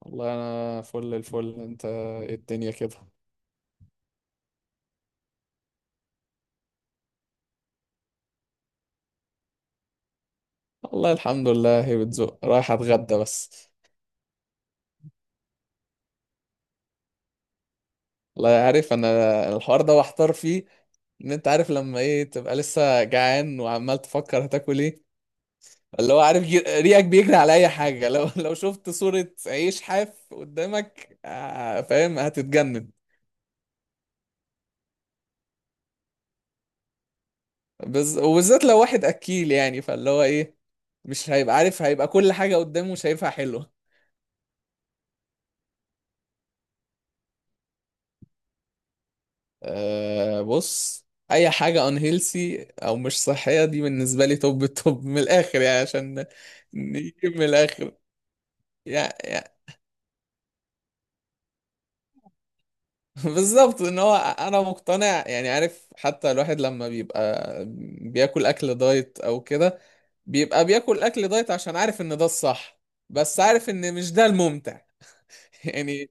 والله انا فل الفل. انت إيه الدنيا كده؟ والله الحمد لله، هي بتزق. رايح اتغدى بس. والله عارف انا. الحوار ده محتار فيه. ان انت عارف لما ايه، تبقى لسه جعان وعمال تفكر هتاكل ايه. اللي هو عارف، ريقك بيجري على اي حاجه. لو لو شفت صوره عيش حاف قدامك، فاهم، هتتجنن. وبالذات لو واحد اكيل، يعني فاللي هو ايه، مش هيبقى عارف. هيبقى كل حاجه قدامه شايفها حلوه. أه، بص. اي حاجه unhealthy او مش صحيه دي بالنسبه لي توب التوب من الاخر، يعني عشان نجيب من الاخر. يعني. بالظبط، ان هو انا مقتنع. يعني عارف، حتى الواحد لما بيبقى بياكل اكل دايت او كده، بيبقى بياكل اكل دايت عشان عارف ان ده الصح، بس عارف ان مش ده الممتع. يعني.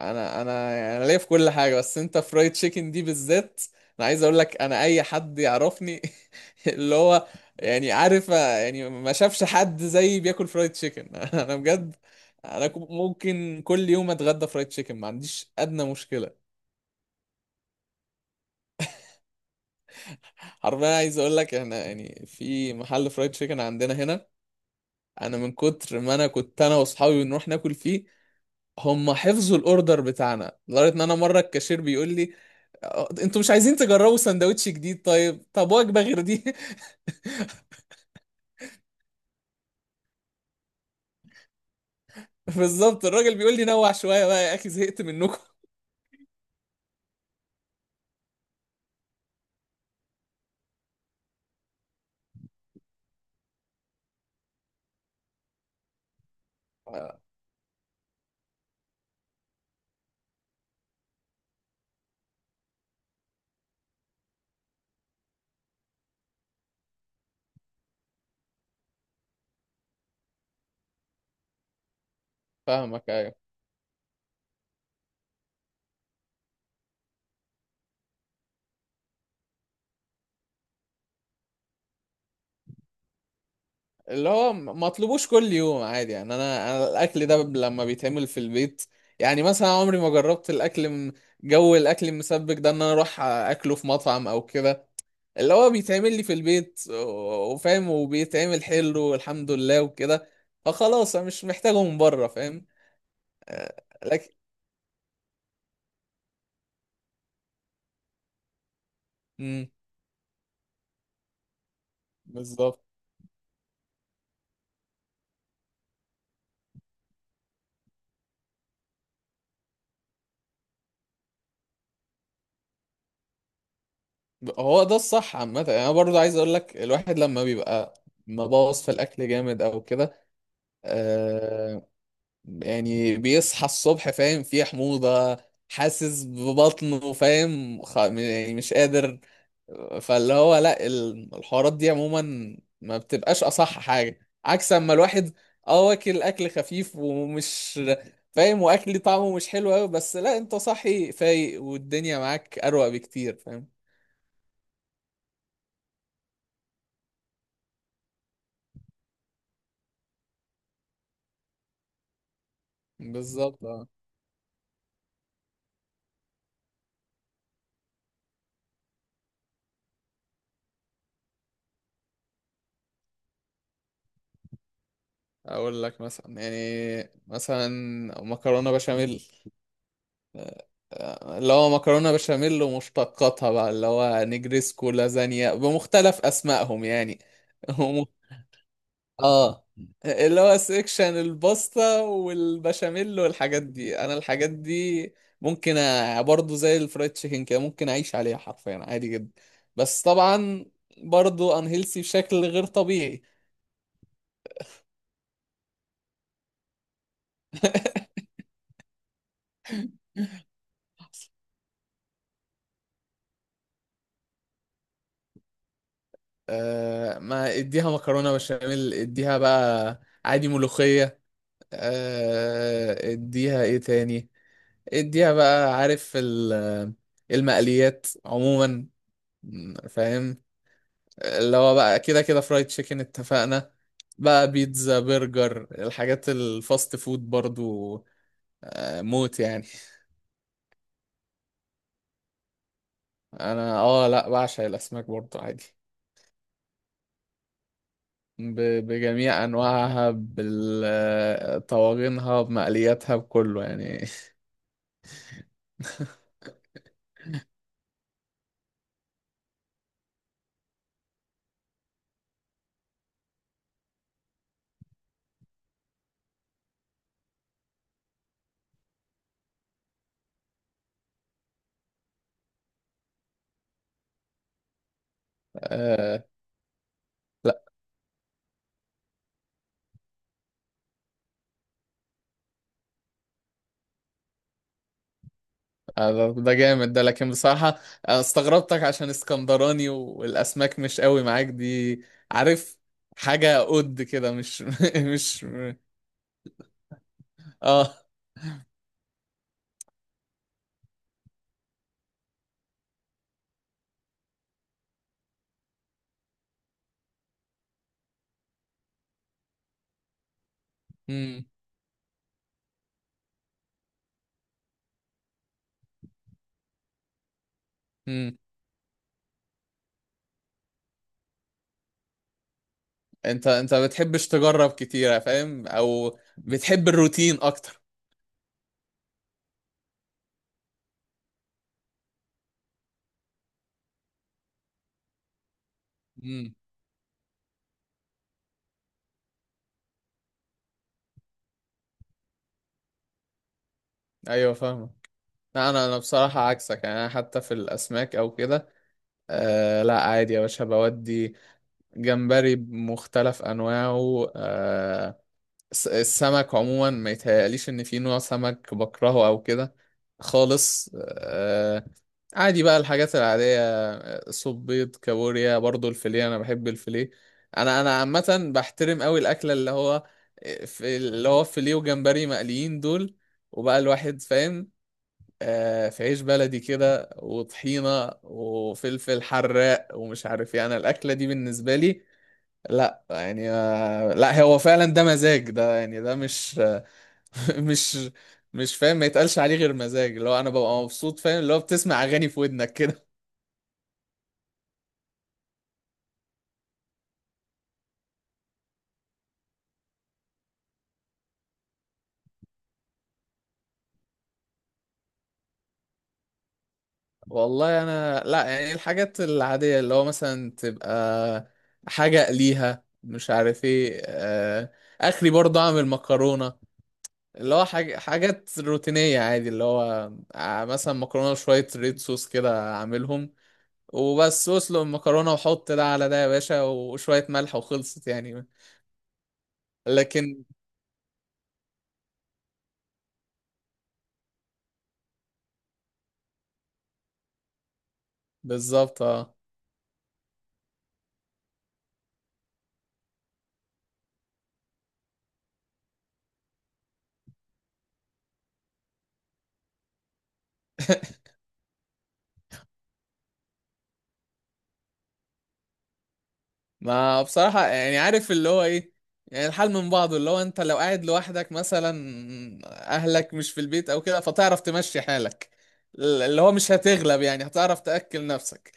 انا انا انا ليا في كل حاجه، بس انت فرايد تشيكن دي بالذات، انا عايز اقول لك، انا اي حد يعرفني، اللي هو يعني عارف، يعني ما شافش حد زيي بياكل فرايد تشيكن. انا بجد، انا ممكن كل يوم اتغدى فرايد تشيكن، ما عنديش ادنى مشكله. حرفيا عايز اقول لك، احنا يعني في محل فرايد تشيكن عندنا هنا، انا من كتر ما انا كنت انا واصحابي بنروح ناكل فيه، هم حفظوا الاوردر بتاعنا لدرجه ان انا مره الكاشير بيقول لي: "أه، انتوا مش عايزين تجربوا سندوتش جديد؟ طيب طب وجبه غير دي؟" بالظبط، الراجل بيقول لي نوع شويه بقى يا اخي، زهقت منكم. آه، فاهمك، ايوه. اللي هو ما اطلبوش كل يوم عادي، يعني انا الاكل ده لما بيتعمل في البيت، يعني مثلا عمري ما جربت الاكل جو الاكل المسبك ده ان انا اروح اكله في مطعم او كده. اللي هو بيتعمل لي في البيت، و- وفاهم، وبيتعمل حلو والحمد لله وكده، فخلاص انا مش محتاجه من بره، فاهم. آه، لكن. مم، بالظبط. هو ده الصح عامة. يعني انا برضو عايز اقول لك، الواحد لما بيبقى مبوظ في الاكل جامد او كده، آه، يعني بيصحى الصبح فاهم فيه حموضة، حاسس ببطنه، فاهم، يعني مش قادر. فاللي هو لا، الحوارات دي عموما ما بتبقاش اصح حاجه، عكس اما الواحد اه واكل اكل خفيف ومش فاهم، واكل طعمه مش حلو قوي، بس لا، انت صاحي فايق، والدنيا معاك اروق بكتير، فاهم. بالظبط اه. اقول لك مثلا، يعني مثلا مكرونه بشاميل. اللي هو مكرونه بشاميل ومشتقاتها بقى، اللي هو نجريسكو، لازانيا، بمختلف اسمائهم يعني. اه. اللي هو سيكشن الباستا والبشاميل والحاجات دي، انا الحاجات دي ممكن برضو زي الفرايد تشيكن كده، ممكن اعيش عليها حرفيا عادي جدا. بس طبعا برضو انهيلسي بشكل غير طبيعي. آه، ما اديها مكرونة بشاميل، اديها بقى عادي ملوخية، آه اديها ايه تاني، اديها بقى عارف المقليات عموما، فاهم. اللي هو بقى كده كده فرايد تشيكن اتفقنا، بقى بيتزا، برجر، الحاجات الفاست فود برضو، آه، موت يعني. انا اه لا، بعشق الاسماك برضو عادي، بجميع انواعها، بطواجنها، بمقلياتها، بكله يعني. آه، لا. آه، ده جامد ده، لكن بصراحة أنا استغربتك عشان اسكندراني والاسماك مش قوي معاك دي. عارف، حاجة قد كده مش، مش. اه. امم. امم. انت ما بتحبش تجرب كتير فاهم، او بتحب الروتين اكتر؟ امم. ايوه فاهمك. لا، انا بصراحه عكسك، يعني انا حتى في الاسماك او كده، آه لا عادي يا باشا بودي. جمبري بمختلف انواعه، آه السمك عموما، ما يتهيأليش ان في نوع سمك بكرهه او كده خالص، آه، عادي بقى الحاجات العادية، صوب، بيض، كابوريا، برضو الفيليه، أنا بحب الفيليه. أنا عامة بحترم أوي الأكلة اللي هو، في اللي هو فيليه وجمبري مقليين دول، وبقى الواحد فاهم، آه في عيش بلدي كده وطحينة وفلفل حراق ومش عارف، يعني الأكلة دي بالنسبة لي لا يعني، آه لا، هو فعلا ده مزاج ده، يعني ده مش، مش، مش فاهم، ما يتقالش عليه غير مزاج، اللي هو انا ببقى مبسوط، فاهم، اللي هو بتسمع اغاني في ودنك كده. والله انا لا، يعني الحاجات العادية اللي هو مثلا تبقى حاجة اقليها مش عارف ايه، اخري برضه اعمل مكرونة. اللي هو حاجات روتينية عادي، اللي هو مثلا مكرونة وشوية ريد صوص كده اعملهم، وبس اسلق المكرونة وحط ده على ده يا باشا، وشوية ملح وخلصت يعني. لكن بالظبط اه. ما بصراحة يعني عارف اللي هو ايه، يعني الحال من بعضه، اللي هو انت لو قاعد لوحدك مثلا، اهلك مش في البيت او كده، فتعرف تمشي حالك. اللي هو مش هتغلب، يعني هتعرف تأكل نفسك.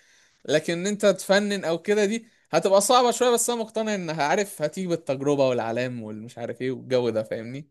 لكن انت تفنن او كده، دي هتبقى صعبة شوية، بس انا مقتنع انها عارف هتيجي بالتجربة والعلام والمش عارف ايه والجو ده، فاهمني.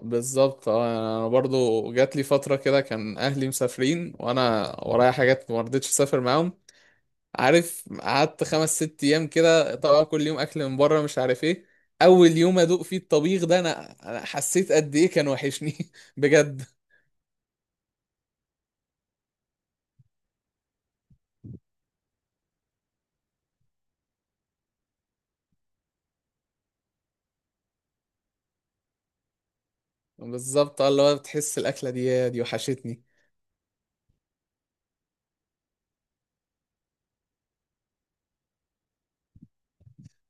بالظبط اه، انا برضو جات لي فترة كده كان اهلي مسافرين وانا ورايا حاجات ما رضيتش اسافر معاهم. عارف، قعدت 5 6 ايام كده، طبعا كل يوم اكل من بره مش عارف ايه. اول يوم ادوق فيه الطبيخ ده، أنا حسيت قد ايه كان وحشني، بجد. بالظبط اه، اللي هو بتحس الاكله دي وحشتني.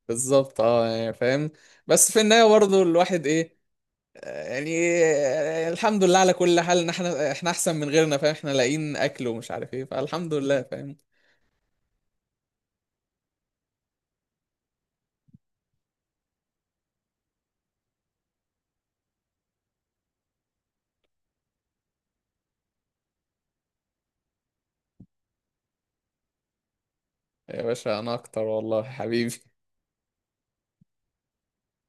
بالظبط اه، يعني فاهم، بس في النهايه برضه الواحد ايه، آه، يعني آه، الحمد لله على كل حال، ان احنا احسن من غيرنا، فاهم، احنا لاقيين اكل ومش عارف ايه، فالحمد لله، فاهم. يا باشا انا اكتر والله حبيبي.